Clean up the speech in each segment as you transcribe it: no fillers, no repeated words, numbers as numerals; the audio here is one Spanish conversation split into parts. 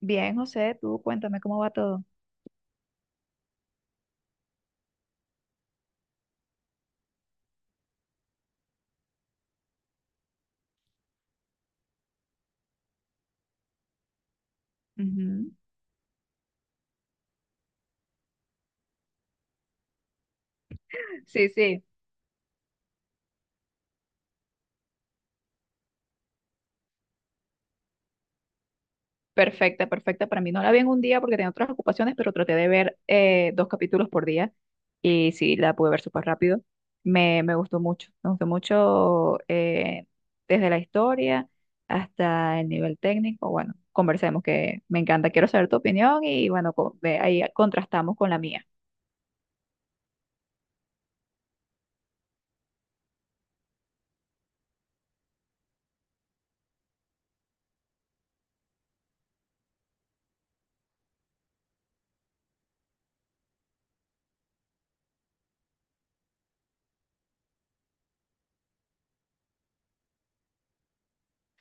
Bien, José, tú cuéntame cómo va todo. Ujú. Sí, sí, perfecta, perfecta. Para mí no la vi en un día porque tenía otras ocupaciones, pero traté de ver dos capítulos por día y sí, la pude ver súper rápido. Me gustó mucho, me gustó mucho desde la historia hasta el nivel técnico. Bueno, conversemos que me encanta, quiero saber tu opinión y bueno, ahí contrastamos con la mía.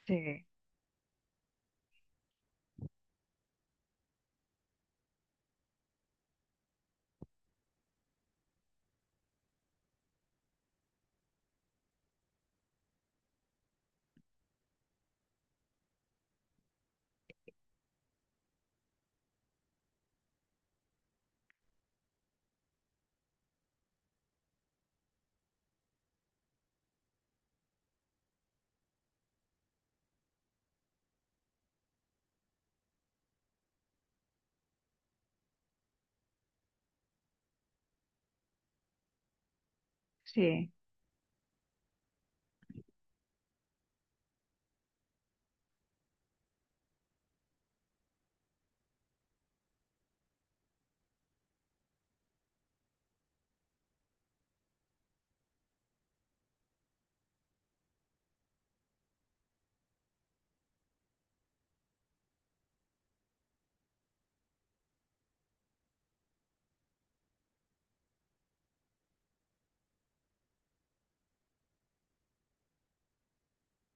Sí. Sí,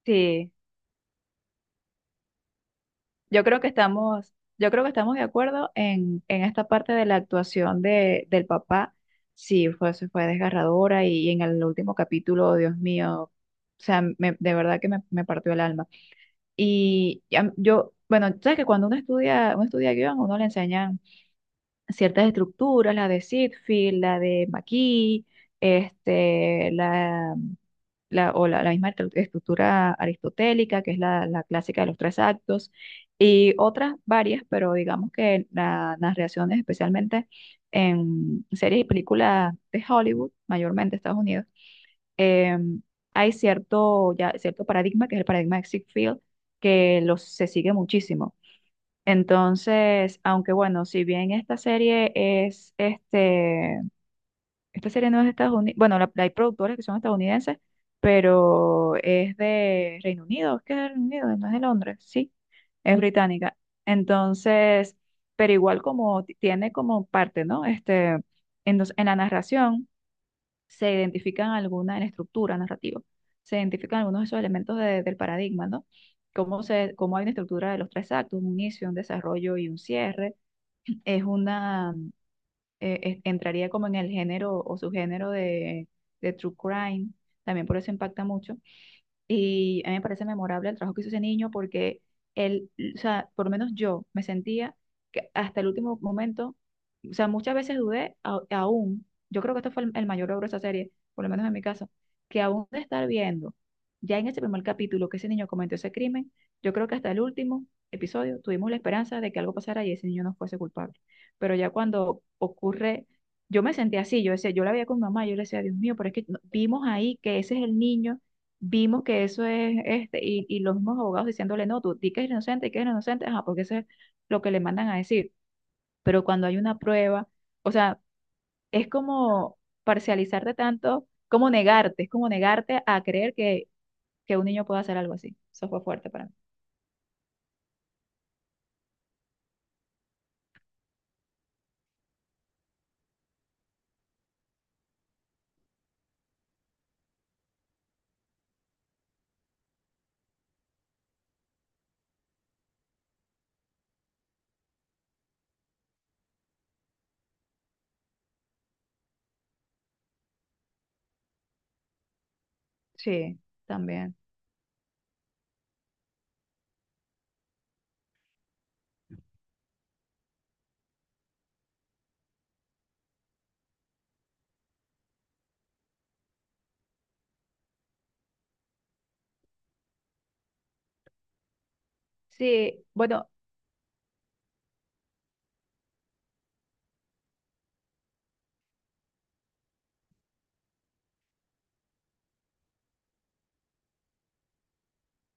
sí. Yo creo que estamos, yo creo que estamos de acuerdo en esta parte de la actuación de, del papá. Sí, fue, se fue desgarradora y, en el último capítulo, oh, Dios mío, o sea, de verdad que me partió el alma. Yo, bueno, sabes que cuando uno estudia guión, uno le enseñan ciertas estructuras, la de Sitfield, la de McKee, este, la misma estructura aristotélica, que es la clásica de los tres actos, y otras varias, pero digamos que las reacciones, especialmente en series y películas de Hollywood, mayormente Estados Unidos, em, hay cierto, ya, cierto paradigma, que es el paradigma de Sitfield, que se sigue muchísimo. Entonces, aunque bueno, si bien esta serie es, este, esta serie no es de Estados Unidos, bueno, la, hay productores que son estadounidenses, pero es de Reino Unido, es que es de Reino Unido, no es de Londres, sí, es británica. Entonces, pero igual como tiene como parte, ¿no? Este, en la narración se identifican alguna en estructura narrativa, se identifican algunos de esos elementos del paradigma, ¿no? Cómo, se, cómo hay una estructura de los tres actos, un inicio, un desarrollo y un cierre. Es una, entraría como en el género o subgénero de true crime, también por eso impacta mucho y a mí me parece memorable el trabajo que hizo ese niño porque él, o sea, por lo menos yo me sentía que hasta el último momento, o sea, muchas veces dudé aún, yo creo que esto fue el mayor logro de esa serie, por lo menos en mi caso, que aún de estar viendo, ya en ese primer capítulo que ese niño cometió ese crimen, yo creo que hasta el último episodio tuvimos la esperanza de que algo pasara y ese niño no fuese culpable. Pero ya cuando ocurre, yo me sentía así, yo decía, yo la veía con mi mamá, yo le decía, Dios mío, pero es que vimos ahí que ese es el niño, vimos que eso es este, y los mismos abogados diciéndole, no, tú di que eres inocente, di que es inocente, ajá, porque eso es lo que le mandan a decir. Pero cuando hay una prueba, o sea, es como parcializarte tanto, como negarte, es como negarte a creer que un niño puede hacer algo así. Eso fue fuerte para mí. Sí, también. Sí, bueno.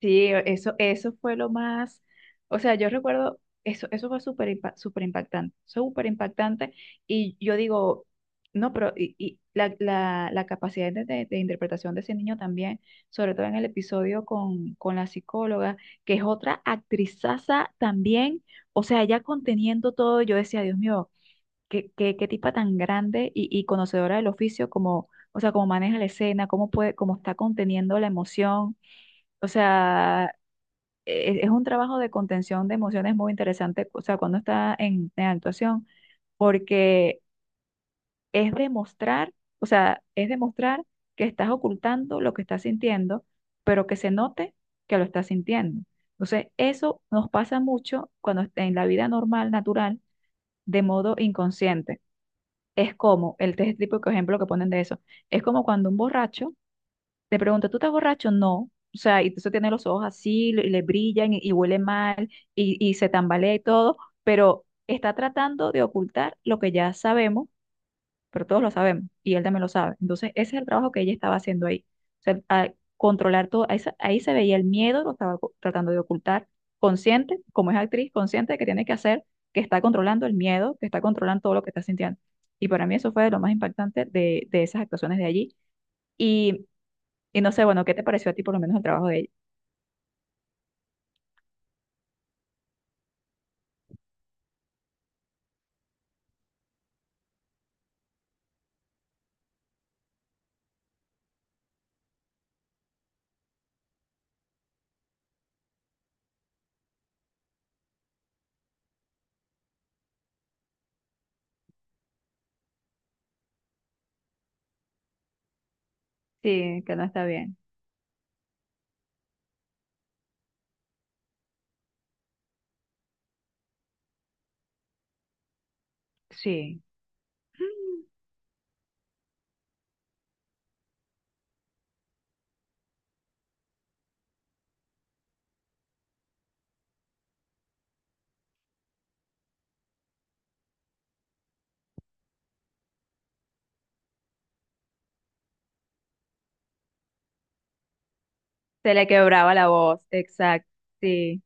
Sí, eso fue lo más, o sea, yo recuerdo, eso fue súper impactante, y yo digo, no, pero y la capacidad de, de interpretación de ese niño también, sobre todo en el episodio con la psicóloga, que es otra actrizaza también, o sea, ya conteniendo todo, yo decía, Dios mío, qué, qué, qué tipa tan grande y conocedora del oficio, como, o sea, cómo maneja la escena, cómo puede, cómo está conteniendo la emoción. O sea, es un trabajo de contención de emociones muy interesante, o sea, cuando está en actuación, porque es demostrar, o sea, es demostrar que estás ocultando lo que estás sintiendo, pero que se note que lo estás sintiendo. Entonces, eso nos pasa mucho cuando en la vida normal, natural, de modo inconsciente. Es como el test típico ejemplo que ponen de eso. Es como cuando un borracho le pregunto, ¿tú estás borracho? No. O sea, y eso tiene los ojos así, le brillan y huele mal y se tambalea y todo, pero está tratando de ocultar lo que ya sabemos, pero todos lo sabemos y él también lo sabe. Entonces, ese es el trabajo que ella estaba haciendo ahí. O sea, a controlar todo, ahí se veía el miedo, lo estaba tratando de ocultar, consciente, como es actriz, consciente de que tiene que hacer, que está controlando el miedo, que está controlando todo lo que está sintiendo. Y para mí eso fue de lo más impactante de esas actuaciones de allí. y y no sé, bueno, ¿qué te pareció a ti por lo menos el trabajo de ella? Sí, que no está bien. Sí. Se le quebraba la voz, exacto. Sí.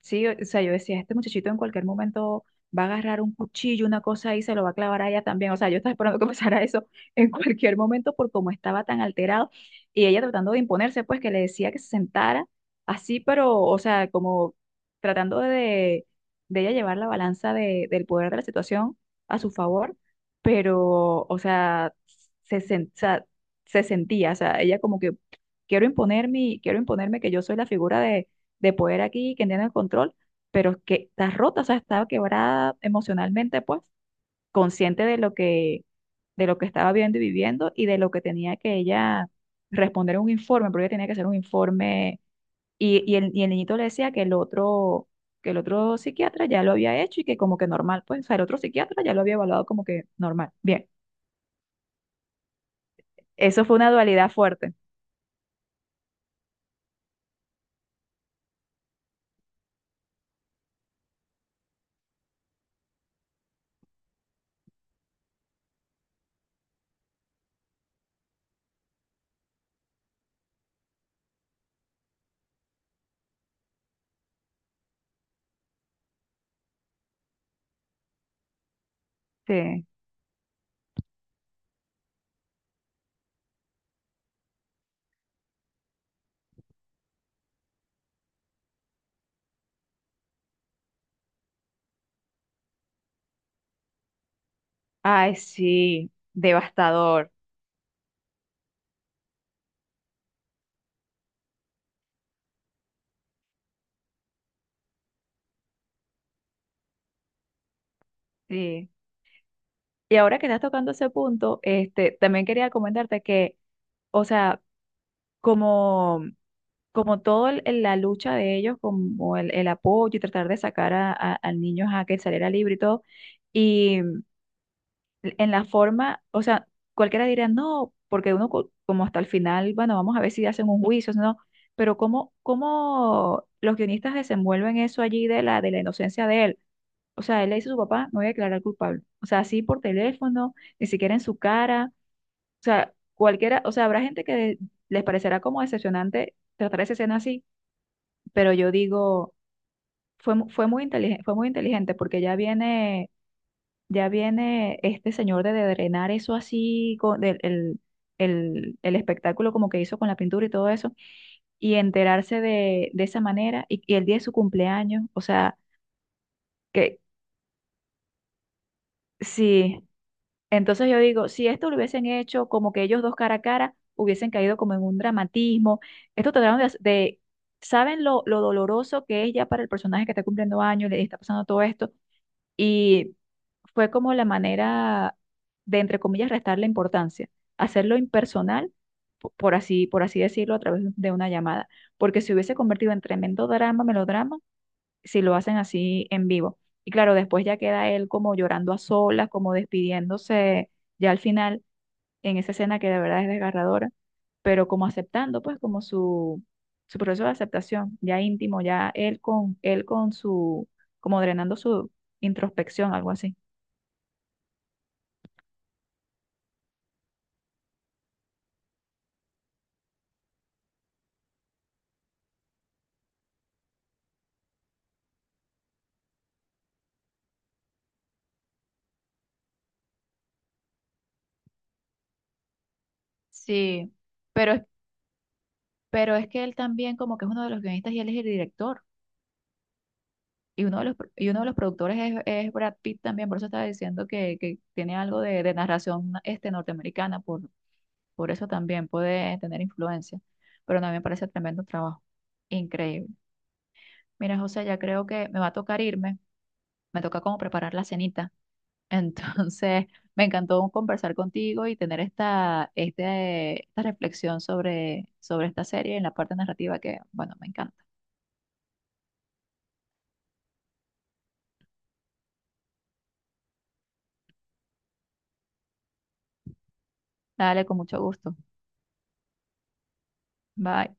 Sí, o sea, yo decía, este muchachito en cualquier momento va a agarrar un cuchillo, una cosa y se lo va a clavar a ella también. O sea, yo estaba esperando que pasara eso en cualquier momento por cómo estaba tan alterado. Y ella tratando de imponerse, pues que le decía que se sentara así, pero, o sea, como tratando de ella llevar la balanza del poder de la situación a su favor, pero, o sea, o sea, se sentía, o sea, ella como que quiero imponerme, quiero imponerme que yo soy la figura de poder aquí, quien tiene el control, pero que está rota, o sea, estaba quebrada emocionalmente, pues, consciente de lo que estaba viendo y viviendo y de lo que tenía que ella responder un informe, porque ella tenía que hacer un informe y, y el niñito le decía que el otro psiquiatra ya lo había hecho y que como que normal, pues, o sea, el otro psiquiatra ya lo había evaluado como que normal. Bien, eso fue una dualidad fuerte. Sí. Ay, sí, devastador. Sí. Y ahora que estás tocando ese punto, este, también quería comentarte que, o sea, como, como todo la lucha de ellos, como el apoyo y tratar de sacar a, al niño a que saliera libre y todo, y en la forma, o sea, cualquiera diría no, porque uno como hasta el final, bueno, vamos a ver si hacen un juicio, si no, pero cómo, cómo los guionistas desenvuelven eso allí de la inocencia de él. O sea, él le dice a su papá, me voy a declarar culpable. O sea, así por teléfono, ni siquiera en su cara. O sea, cualquiera, o sea, habrá gente que les parecerá como decepcionante tratar esa escena así, pero yo digo, fue, fue muy inteligente porque ya viene este señor de drenar eso así, con el espectáculo como que hizo con la pintura y todo eso, y enterarse de esa manera, y el día de su cumpleaños, o sea, que sí. Entonces yo digo, si esto lo hubiesen hecho como que ellos dos cara a cara, hubiesen caído como en un dramatismo. Esto trataron de, ¿saben lo doloroso que es ya para el personaje que está cumpliendo años, le está pasando todo esto? Y fue como la manera de, entre comillas, restarle importancia, hacerlo impersonal, por así decirlo, a través de una llamada. Porque se hubiese convertido en tremendo drama, melodrama, si lo hacen así en vivo. Y claro, después ya queda él como llorando a solas, como despidiéndose ya al final, en esa escena que de verdad es desgarradora, pero como aceptando, pues, como su proceso de aceptación, ya íntimo, ya él con su, como drenando su introspección, algo así. Sí, pero, pero es que él también como que es uno de los guionistas y él es el director. Y uno de los, y uno de los productores es Brad Pitt también, por eso estaba diciendo que tiene algo de narración este, norteamericana, por. Por eso también puede tener influencia. Pero no, me parece tremendo trabajo. Increíble. Mira, José, ya creo que me va a tocar irme. Me toca como preparar la cenita. Entonces, me encantó conversar contigo y tener esta, este, esta reflexión sobre, sobre esta serie en la parte narrativa que, bueno, me encanta. Dale, con mucho gusto. Bye.